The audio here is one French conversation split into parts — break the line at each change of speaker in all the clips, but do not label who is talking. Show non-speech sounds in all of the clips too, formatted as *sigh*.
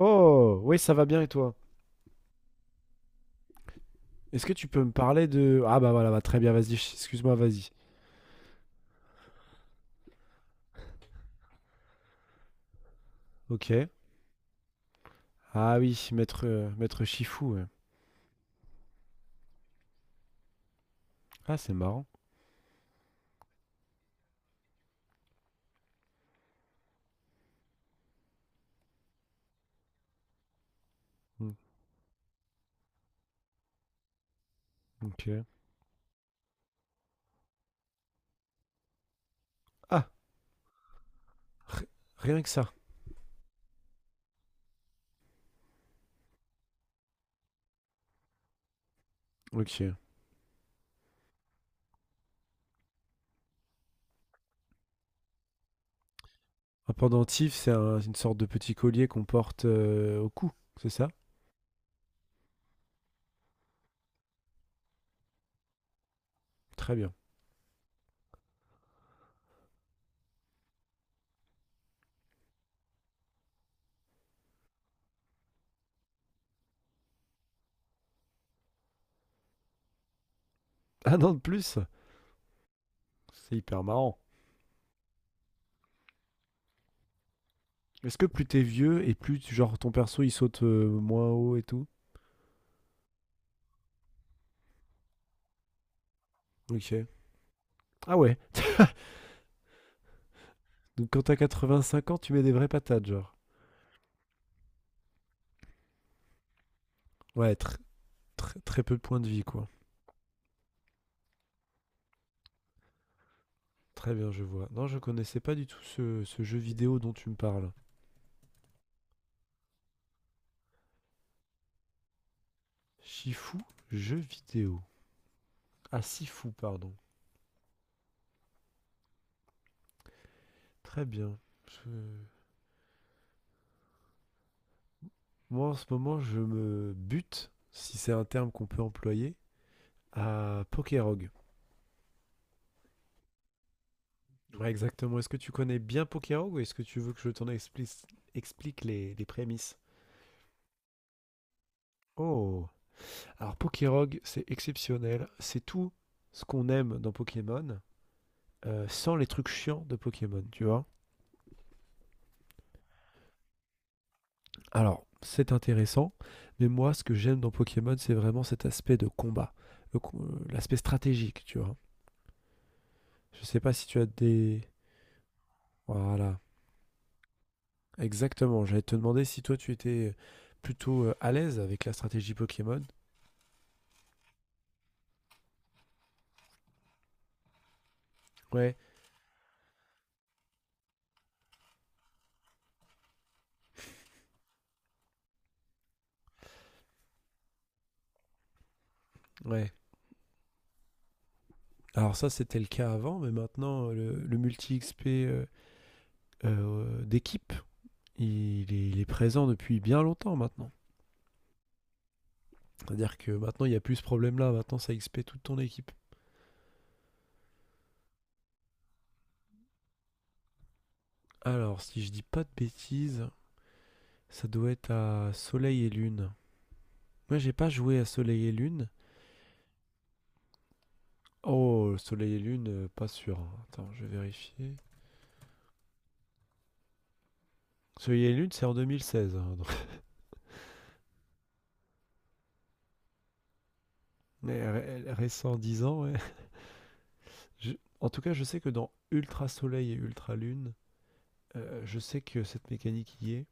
Oh, oui, ça va bien et toi? Est-ce que tu peux me parler de... Ah bah voilà, bah, très bien, vas-y, excuse-moi, vas-y. Ok. Ah oui, maître, maître Shifu, ouais. Ah, c'est marrant. Mm. Ok. Ah, rien que ça. Ok. Un pendentif, c'est une sorte de petit collier qu'on porte au cou, c'est ça? Très bien. Un an de plus? C'est hyper marrant. Est-ce que plus t'es vieux et plus, genre, ton perso, il saute moins haut et tout? Ok. Ah ouais. Donc quand t'as 85 ans, tu mets des vraies patates, genre. Ouais, très peu de points de vie, quoi. Très bien, je vois. Non, je connaissais pas du tout ce jeu vidéo dont tu me parles. Shifu, jeu vidéo. Ah, Sifu, pardon. Très bien. Je- Moi, en ce moment, je me bute, si c'est un terme qu'on peut employer, à Pokerog. Ouais, exactement. Est-ce que tu connais bien Pokerog ou est-ce que tu veux que je explique les prémices? Oh. Alors, Pokerog, c'est exceptionnel. C'est tout ce qu'on aime dans Pokémon, sans les trucs chiants de Pokémon, tu vois? Alors, c'est intéressant, mais moi, ce que j'aime dans Pokémon, c'est vraiment cet aspect de combat, l'aspect stratégique, tu vois. Je sais pas si tu as des... Voilà, exactement. J'allais te demander si toi, tu étais plutôt à l'aise avec la stratégie Pokémon. Ouais, ouais. Alors ça, c'était le cas avant, mais maintenant, le multi-XP d'équipe, il est présent depuis bien longtemps maintenant. C'est-à-dire que maintenant, il n'y a plus ce problème-là. Maintenant, ça XP toute ton équipe. Alors, si je dis pas de bêtises, ça doit être à Soleil et Lune. Moi, j'ai pas joué à Soleil et Lune. Oh, Soleil et Lune, pas sûr, hein. Attends, je vais vérifier. Soleil et Lune, c'est en 2016, hein, donc- *laughs* Mais récent, 10 ans, ouais. *laughs* Je- En tout cas, je sais que dans Ultra Soleil et Ultra Lune, je sais que cette mécanique y est.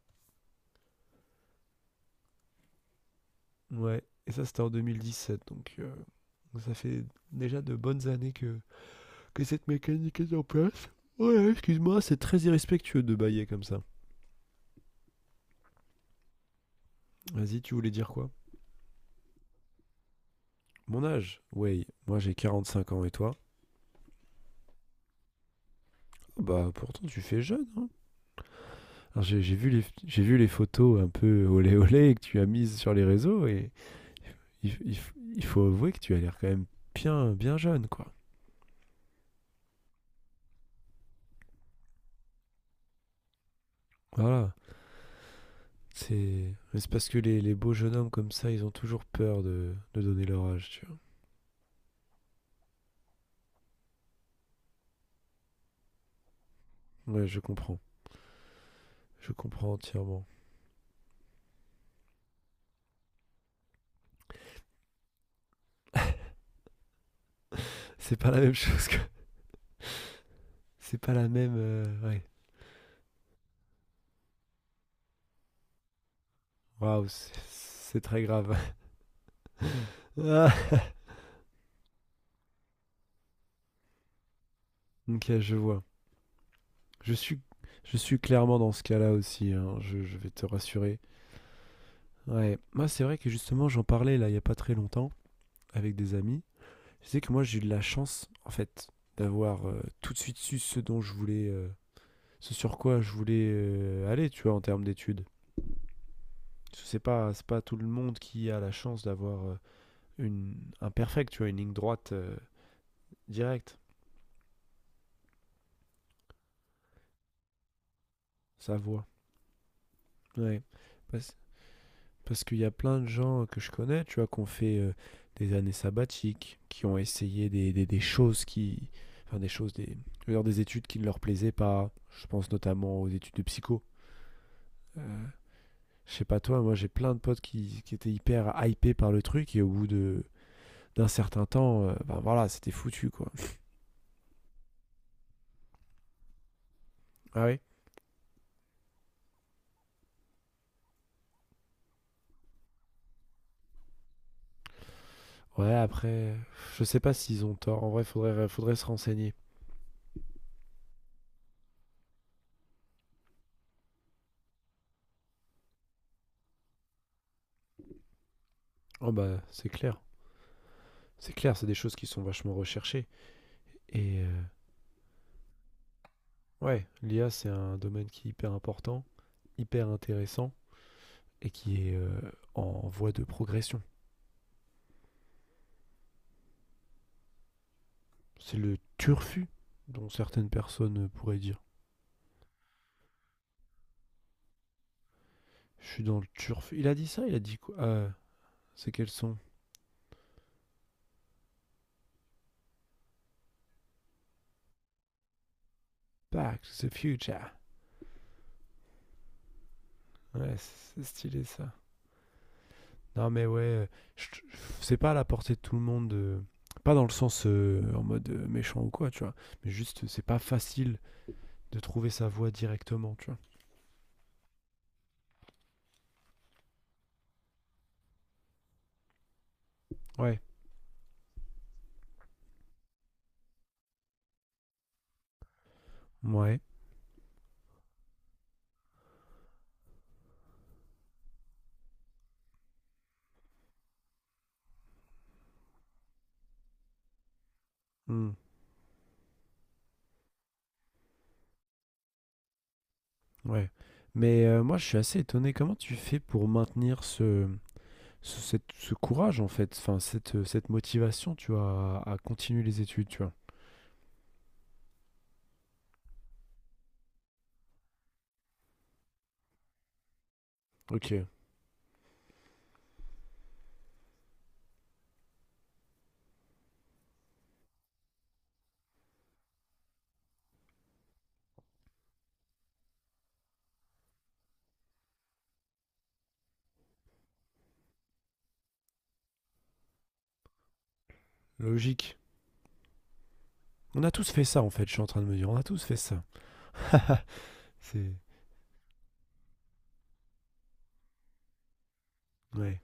Ouais, et ça, c'était en 2017. Donc, ça fait déjà de bonnes que cette mécanique est en place. Ouais, excuse-moi, c'est très irrespectueux de bailler comme ça. Vas-y, tu voulais dire quoi? Mon âge? Oui, moi j'ai 45 ans et toi? Ah bah pourtant tu fais jeune, hein. Alors, j'ai vu les photos un peu olé olé que tu as mises sur les réseaux et il faut avouer que tu as l'air quand même bien jeune quoi. Voilà, c'est mais c'est parce que les beaux jeunes hommes comme ça ils ont toujours peur de donner leur âge, tu vois. Ouais, je comprends entièrement. C'est pas la même chose que... C'est pas la même... Ouais. Waouh, c'est très grave. *laughs* Ah, ok, je vois. Je suis, je suis clairement dans ce cas-là aussi, hein, je vais te rassurer. Ouais, moi c'est vrai que justement j'en parlais là il n'y a pas très longtemps avec des amis. Je sais que moi j'ai eu de la chance en fait d'avoir tout de suite su ce dont je voulais, ce sur quoi je voulais aller, tu vois, en termes d'études. Parce que c'est pas, c'est pas tout le monde qui a la chance d'avoir une, un perfect, tu vois, une ligne droite directe, sa voie. Ouais. Parce- Parce qu'il y a plein de gens que je connais, tu vois, qui ont fait des années sabbatiques, qui ont essayé des choses qui. Enfin, je veux dire, des études qui ne leur plaisaient pas. Je pense notamment aux études de psycho. Euh, je sais pas toi, moi j'ai plein de potes qui étaient hyper hypés par le truc et au bout de d'un certain temps, ben voilà, c'était foutu quoi. Ah oui. Ouais, après, je sais pas s'ils ont tort. En vrai, faudrait se renseigner. Oh bah, c'est clair. C'est clair, c'est des choses qui sont vachement recherchées. Et ouais, l'IA, c'est un domaine qui est hyper important, hyper intéressant et qui est en voie de progression. C'est le turfu dont certaines personnes pourraient dire. Je suis dans le turfu. Il a dit ça, il a dit quoi? C'est quel son? Back to the future. Ouais, c'est stylé ça. Non mais ouais, je- je- c'est pas à la portée de tout le monde. Pas dans le sens en mode méchant ou quoi, tu vois. Mais juste, c'est pas facile de trouver sa voie directement, tu vois. Ouais. Ouais. Hmm. Ouais, mais moi, je suis assez étonné. Comment tu fais pour maintenir ce courage, en fait? Enfin, cette motivation, tu vois, à continuer les études, tu vois? OK, logique. On a tous fait ça, en fait, je suis en train de me dire. On a tous fait ça. C'est Ouais,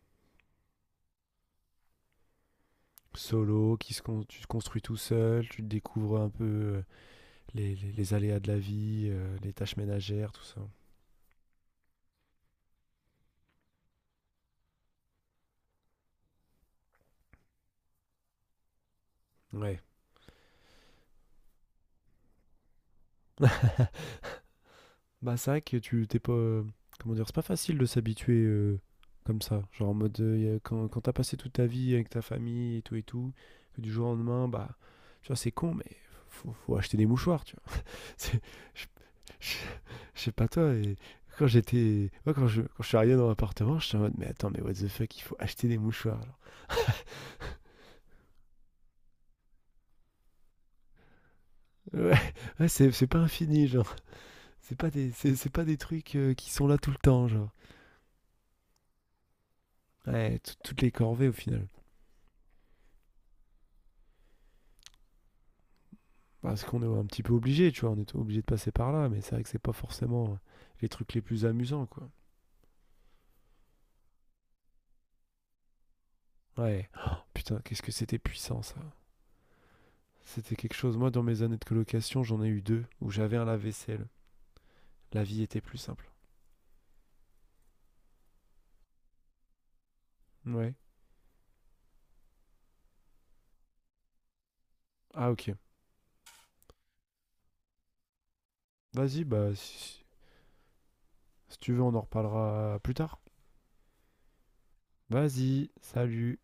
solo, qui se con tu te construis tout seul, tu découvres un peu, heu, les aléas de la vie, les tâches ménagères, tout ça. Ouais. Bah, c'est vrai que tu t'es pas. Comment dire, c'est pas facile de s'habituer comme ça. Genre en mode, quand, quand t'as passé toute ta vie avec ta famille et tout, que du jour au lendemain, bah, tu vois, c'est con, mais faut acheter des mouchoirs, tu vois. *laughs* C'est- Je, je- je sais pas toi, et quand j'étais. Moi, quand je suis arrivé dans l'appartement, j'étais en mode, mais attends, mais what the fuck, il faut acheter des mouchoirs, genre. Ouais, *laughs* ouais, c'est pas infini, genre. C'est pas des trucs qui sont là tout le temps, genre. Ouais, toutes les corvées au final. Parce qu'on est un petit peu obligé, tu vois, on est obligé de passer par là, mais c'est vrai que c'est pas forcément les trucs les plus amusants, quoi. Ouais. Oh, putain, qu'est-ce que c'était puissant, ça. C'était quelque chose. Moi, dans mes années de colocation, j'en ai eu deux où j'avais un lave-vaisselle. La vie était plus simple. Ouais. Ah, ok. Vas-y, bah, si tu veux, on en reparlera plus tard. Vas-y, salut.